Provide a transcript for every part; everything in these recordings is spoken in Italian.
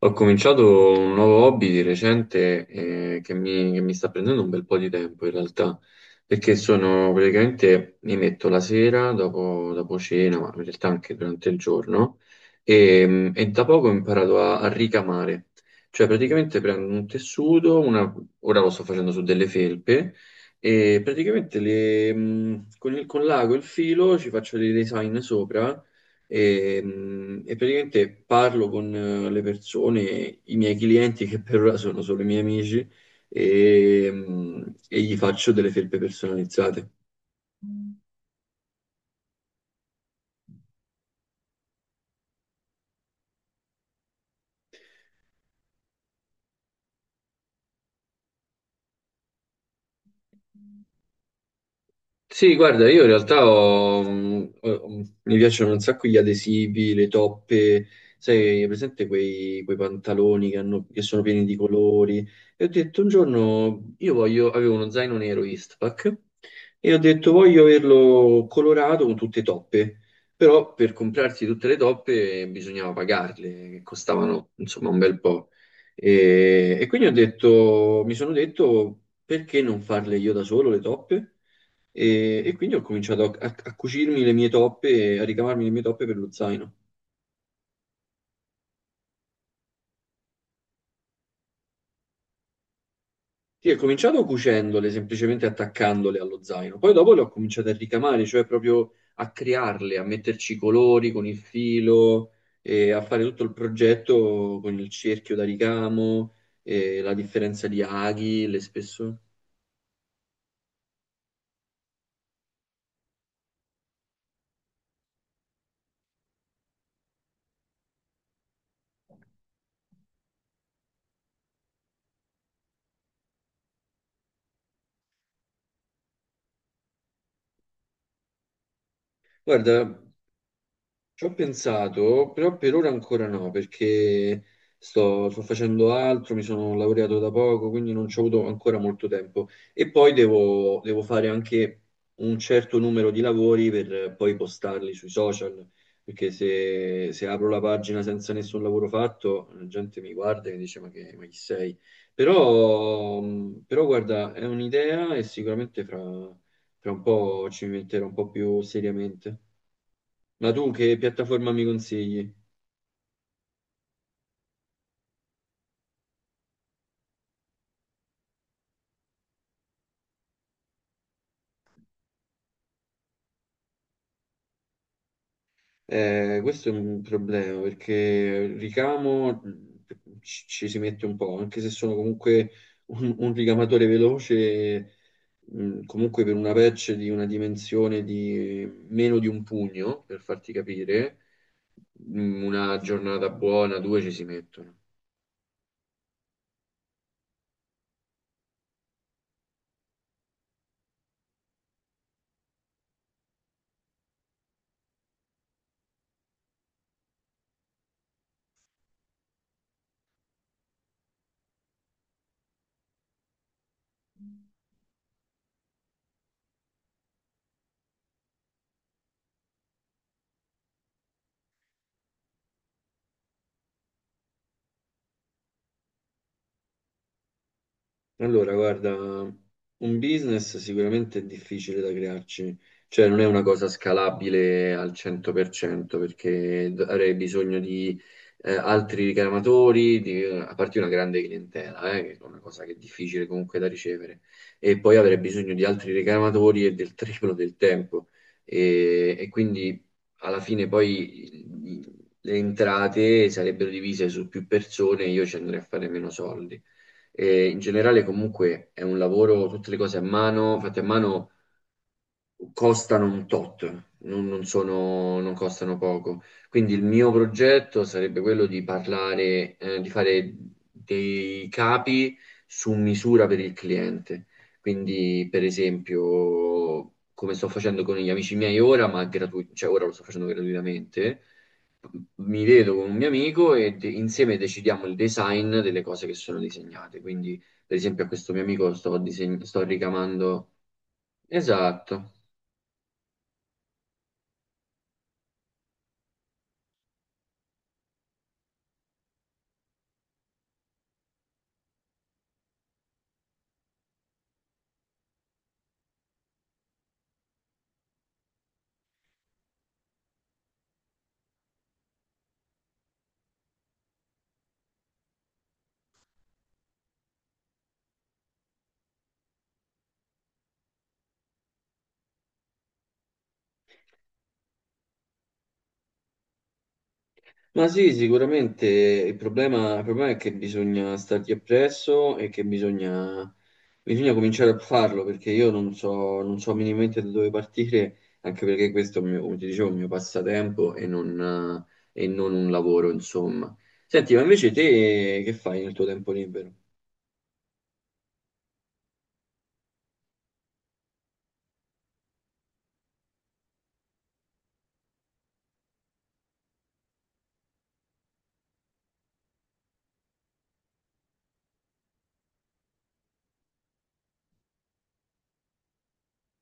Ho cominciato un nuovo hobby di recente che mi sta prendendo un bel po' di tempo in realtà, perché sono praticamente mi metto la sera dopo cena, ma in realtà anche durante il giorno, e da poco ho imparato a ricamare, cioè praticamente prendo un tessuto, ora lo sto facendo su delle felpe, e praticamente con l'ago e il filo ci faccio dei design sopra e praticamente parlo con le persone, i miei clienti che per ora sono solo i miei amici, e gli faccio delle felpe personalizzate. Sì, guarda, io in realtà mi piacciono un sacco gli adesivi, le toppe, sai, hai presente quei pantaloni che, che sono pieni di colori. E ho detto un giorno, io voglio, avevo uno zaino nero Eastpak e ho detto voglio averlo colorato con tutte toppe, però per comprarsi tutte le toppe bisognava pagarle, che costavano insomma un bel po'. E quindi ho detto, mi sono detto perché non farle io da solo le toppe? E quindi ho cominciato a cucirmi le mie toppe, a ricavarmi le mie toppe per lo zaino. Sì, ho cominciato cucendole, semplicemente attaccandole allo zaino. Poi dopo le ho cominciate a ricamare, cioè proprio a crearle, a metterci i colori con il filo, e a fare tutto il progetto con il cerchio da ricamo, e la differenza di aghi, le spesso. Guarda, ci ho pensato, però per ora ancora no, perché sto facendo altro, mi sono laureato da poco, quindi non ci ho avuto ancora molto tempo. E poi devo fare anche un certo numero di lavori per poi postarli sui social, perché se apro la pagina senza nessun lavoro fatto, la gente mi guarda e mi dice ma chi sei? Però, però guarda, è un'idea e sicuramente fra un po' ci metterò un po' più seriamente. Ma tu che piattaforma mi consigli? Questo è un problema perché ricamo ci si mette un po', anche se sono comunque un ricamatore veloce, comunque per una patch di una dimensione di meno di un pugno, per farti capire, una giornata buona, due ci si mettono. Allora, guarda, un business sicuramente è difficile da crearci, cioè non è una cosa scalabile al 100% perché avrei bisogno di altri ricamatori, di, a parte una grande clientela, che è una cosa che è difficile comunque da ricevere, e poi avrei bisogno di altri ricamatori e del triplo del tempo. E quindi alla fine poi le entrate sarebbero divise su più persone e io ci andrei a fare meno soldi. E in generale comunque è un lavoro, tutte le cose a mano, fatte a mano, costano un tot, non sono, non costano poco. Quindi il mio progetto sarebbe quello di parlare, di fare dei capi su misura per il cliente. Quindi, per esempio, come sto facendo con gli amici miei ora, cioè ora lo sto facendo gratuitamente, mi vedo con un mio amico e insieme decidiamo il design delle cose che sono disegnate. Quindi, per esempio, a questo mio amico sto ricamando. Esatto. Ma sì, sicuramente il problema è che bisogna stargli appresso e che bisogna, bisogna cominciare a farlo perché io non so, non so minimamente da dove partire, anche perché questo è un mio, come ti dicevo, un mio passatempo e non un lavoro, insomma. Senti, ma invece te che fai nel tuo tempo libero?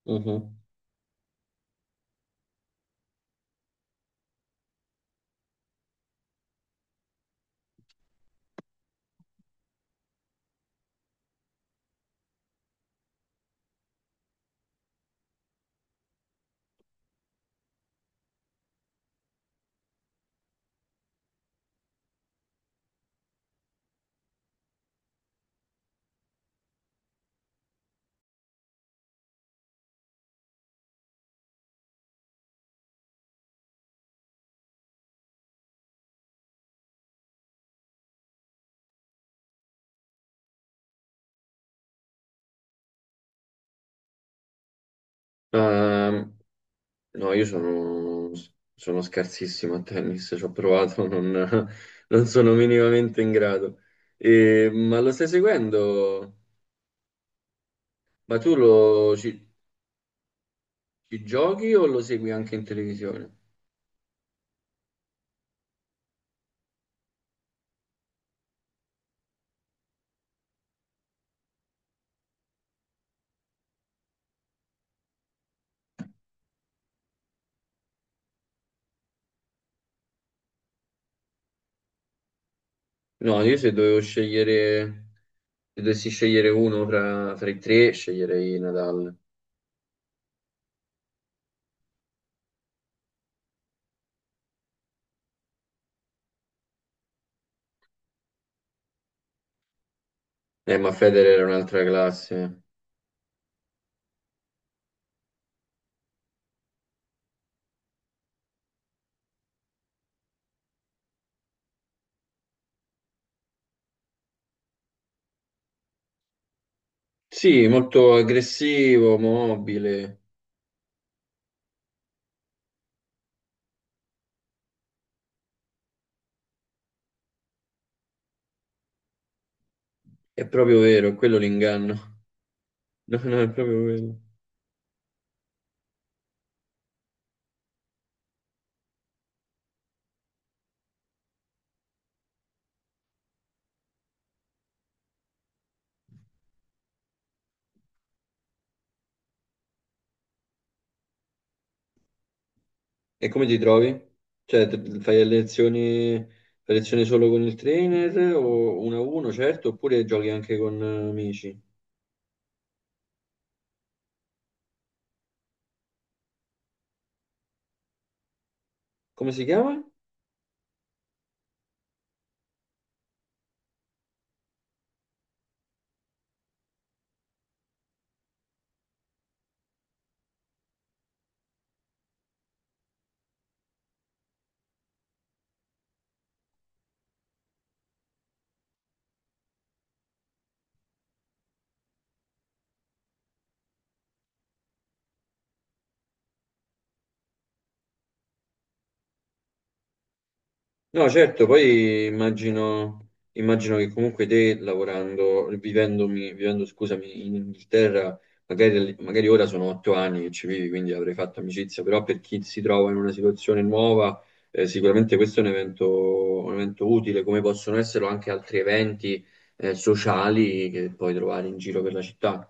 Mhm. Ehm, no, sono scarsissimo a tennis, ci ho provato, non sono minimamente in grado. E- ma lo stai seguendo? Ma tu lo, ci, ci giochi o lo segui anche in televisione? No, io se dovevo scegliere, se dovessi scegliere uno fra i tre, sceglierei Nadal. Ma Federer era un'altra classe. Sì, molto aggressivo, mobile. È proprio vero, è quello l'inganno. No, no, è proprio vero. E come ti trovi? Fai le lezioni, fai lezioni solo con il trainer o uno a uno, certo, oppure giochi anche con amici? Come si chiama? No, certo, poi immagino, immagino che comunque te lavorando, vivendo, scusami, in Inghilterra, magari ora sono otto anni che ci vivi, quindi avrei fatto amicizia, però per chi si trova in una situazione nuova, sicuramente questo è un evento utile, come possono esserlo anche altri eventi, sociali che puoi trovare in giro per la città.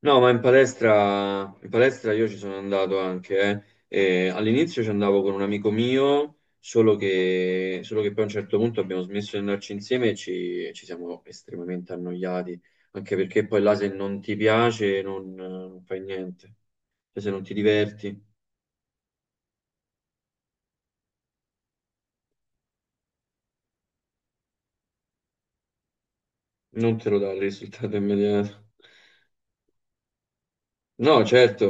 No, ma in palestra io ci sono andato anche, eh. E all'inizio ci andavo con un amico mio, solo che poi a un certo punto abbiamo smesso di andarci insieme e ci siamo estremamente annoiati, anche perché poi là se non ti piace non fai niente, cioè se non ti diverti non te lo dà il risultato immediato. No, certo,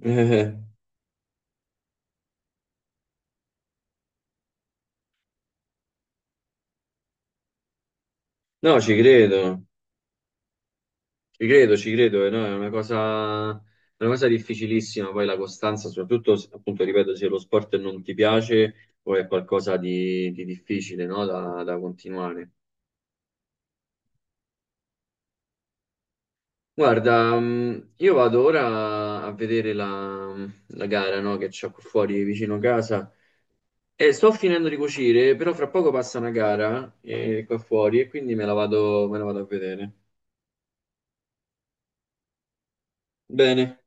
Eh, no, ci credo. Ci credo, ci credo, no, è una cosa difficilissima, poi la costanza, soprattutto se, appunto, ripeto, se lo sport non ti piace o è qualcosa di difficile, no, da continuare. Guarda, io vado ora a vedere la gara, no, che c'ho qui fuori vicino casa e sto finendo di cucire, però fra poco passa una gara qua fuori e quindi me la vado a vedere. Bene.